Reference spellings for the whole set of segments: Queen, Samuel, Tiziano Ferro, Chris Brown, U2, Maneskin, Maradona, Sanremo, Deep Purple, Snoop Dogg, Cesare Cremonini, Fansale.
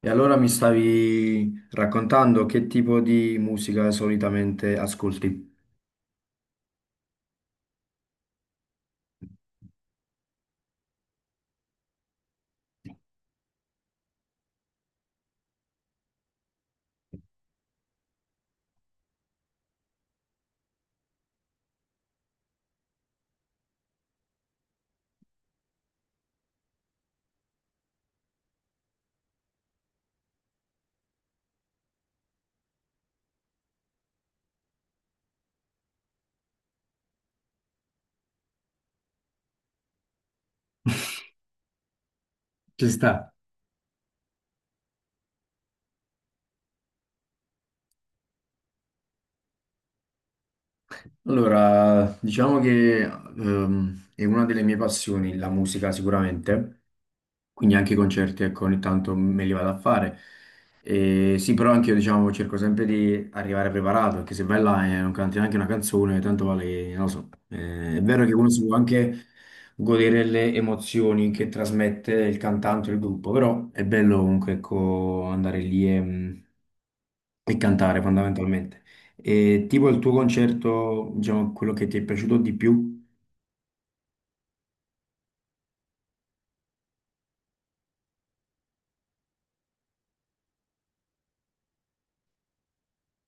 E allora mi stavi raccontando che tipo di musica solitamente ascolti? Ci sta. Allora, diciamo che è una delle mie passioni, la musica sicuramente, quindi anche i concerti, ecco, ogni tanto me li vado a fare. E sì, però anche io, diciamo, cerco sempre di arrivare preparato, perché se vai là e non canti neanche una canzone, tanto vale, non lo so. È vero che uno si può anche godere le emozioni che trasmette il cantante o il gruppo, però è bello comunque, ecco, andare lì e cantare fondamentalmente. E tipo il tuo concerto, diciamo, quello che ti è piaciuto di più?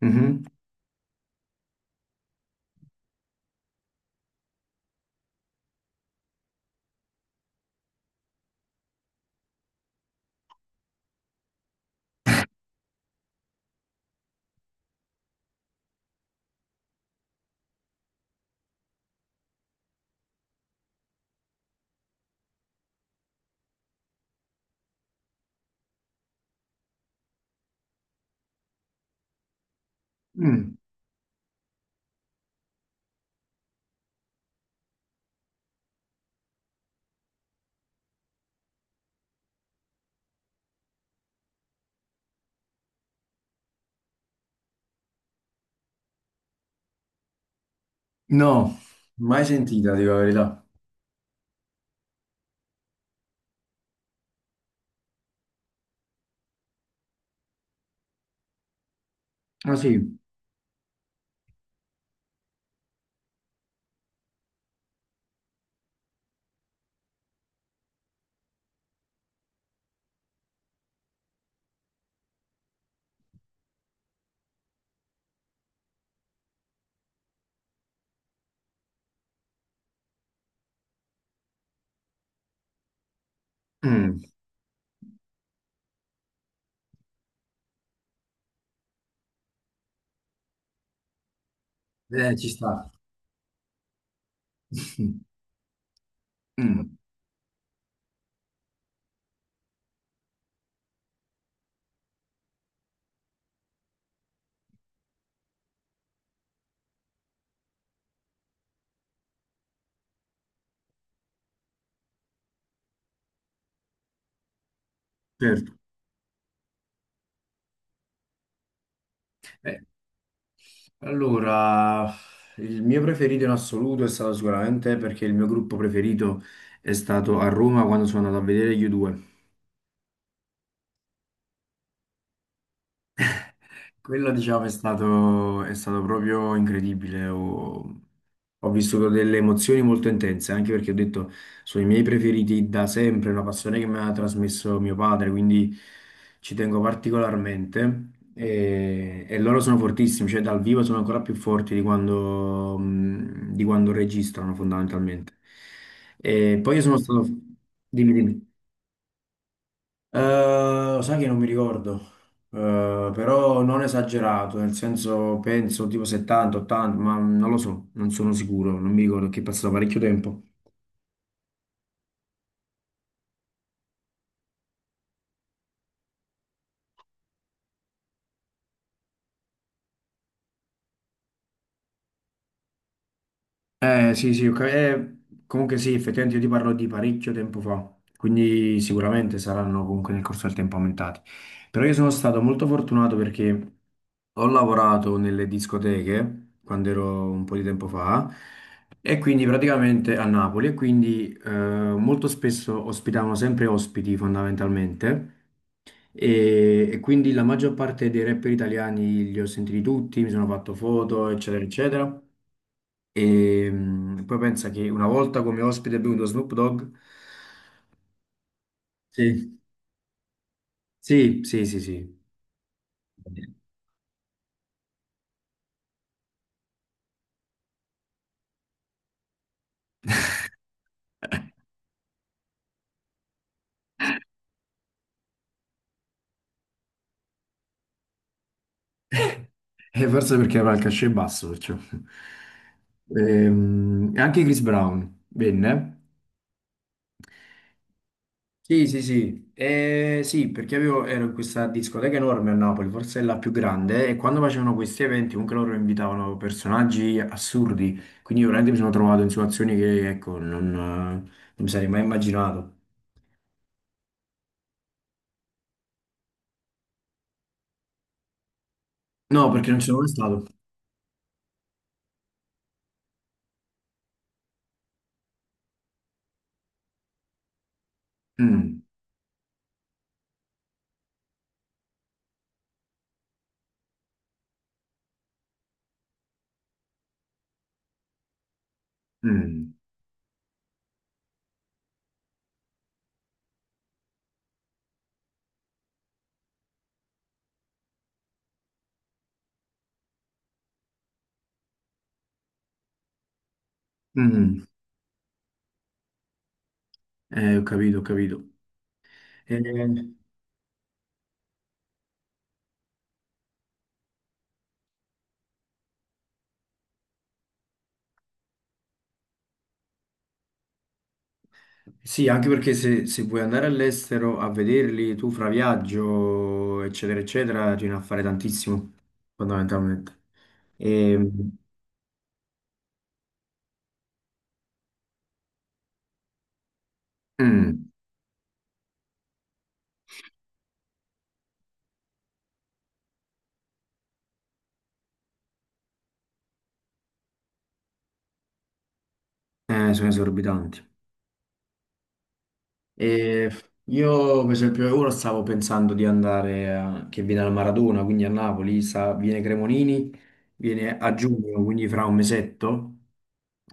Mhm. Mm. No, mai sentita, dico la verità. Ah, sì. Mm. Ci sta. Mm. Certo. Eh, allora, il mio preferito in assoluto è stato sicuramente perché il mio gruppo preferito è stato a Roma quando sono andato a vedere gli U2. Quello, diciamo, è stato proprio incredibile. Ho vissuto delle emozioni molto intense, anche perché ho detto, sono i miei preferiti da sempre, una passione che mi ha trasmesso mio padre, quindi ci tengo particolarmente. E loro sono fortissimi, cioè dal vivo sono ancora più forti di di quando registrano, fondamentalmente. E poi io sono stato... Dimmi, dimmi. Sai che non mi ricordo. Però non esagerato, nel senso penso tipo 70, 80, ma non lo so, non sono sicuro, non mi ricordo, che è passato parecchio tempo. Eh sì, sì, ok. Comunque sì, effettivamente io ti parlo di parecchio tempo fa, quindi sicuramente saranno comunque nel corso del tempo aumentati. Però io sono stato molto fortunato perché ho lavorato nelle discoteche quando ero un po' di tempo fa e quindi praticamente a Napoli e quindi molto spesso ospitavano sempre ospiti fondamentalmente. E quindi la maggior parte dei rapper italiani li ho sentiti tutti, mi sono fatto foto, eccetera, eccetera. E poi pensa che una volta come ospite è venuto Snoop Dogg. Sì. Sì, sì, sì, sì. E forse perché aveva il cachet basso, perciò. E anche Chris Brown venne. Sì, sì, sì. Sì, perché avevo, ero in questa discoteca enorme a Napoli, forse è la più grande, e quando facevano questi eventi comunque loro invitavano personaggi assurdi, quindi io veramente mi sono trovato in situazioni che, ecco, non mi sarei mai immaginato. No, perché non ci sono mai stato. Mm, mm, mm, mm. Ho capito, ho capito. Eh, sì, anche perché se vuoi andare all'estero a vederli tu fra viaggio, eccetera, eccetera, ce ne a fare tantissimo, fondamentalmente. E, mm, Sono esorbitanti. E io, per esempio, ora stavo pensando di che viene al Maradona, quindi a Napoli, viene Cremonini, viene a giugno, quindi fra un mesetto.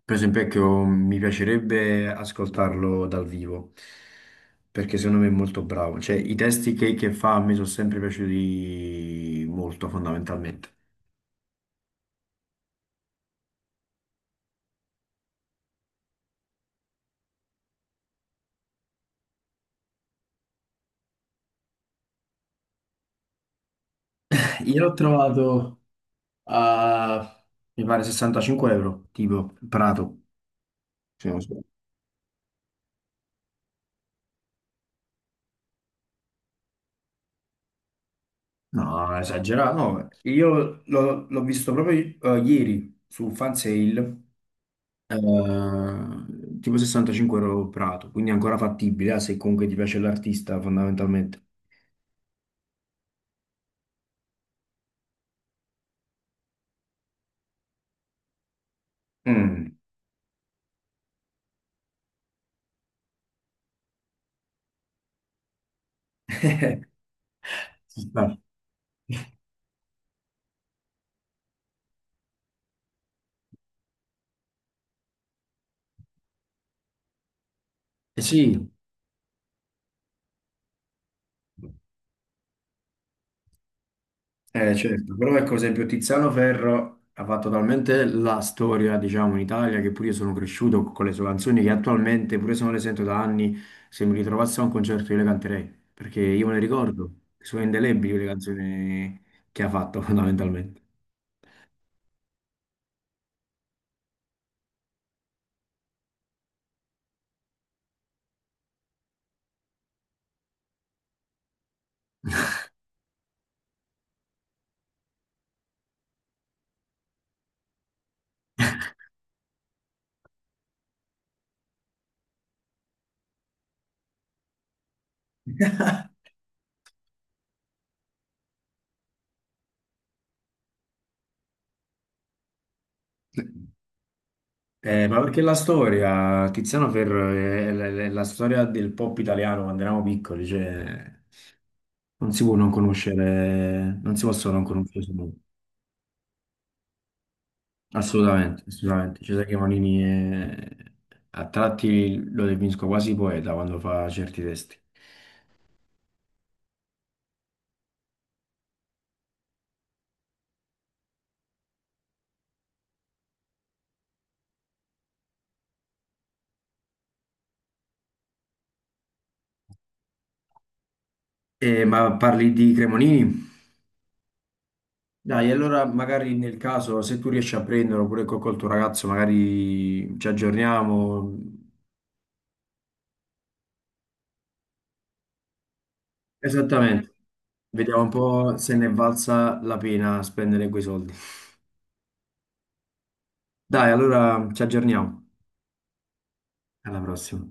Per esempio, ecco, mi piacerebbe ascoltarlo dal vivo, perché secondo me è molto bravo. Cioè, i testi che fa mi sono sempre piaciuti molto, fondamentalmente. Io l'ho trovato a, mi pare, 65 euro, tipo Prato, se non sbaglio. No, esagerato. No, io l'ho visto proprio ieri su Fansale, tipo 65 euro Prato, quindi è ancora fattibile, se comunque ti piace l'artista, fondamentalmente. Mm. Ci sta. Eh sì. Certo, però ecco, per esempio Tiziano Ferro ha fatto talmente la storia, diciamo, in Italia che pure io sono cresciuto con le sue canzoni che attualmente, pure se non le sento da anni, se mi ritrovassi a un concerto io le canterei, perché io me le ricordo, sono indelebili le canzoni che ha fatto fondamentalmente. Ma perché la storia, Tiziano Ferro è la storia del pop italiano quando eravamo piccoli, cioè... Non si può non conoscere, non si possono non conoscere Samuel. Assolutamente, assolutamente. A tratti lo definisco quasi poeta quando fa certi testi. Ma parli di Cremonini? Dai, allora magari nel caso, se tu riesci a prenderlo oppure col tuo ragazzo, magari ci aggiorniamo. Esattamente. Vediamo un po' se ne è valsa la pena spendere quei soldi. Dai, allora ci aggiorniamo. Alla prossima.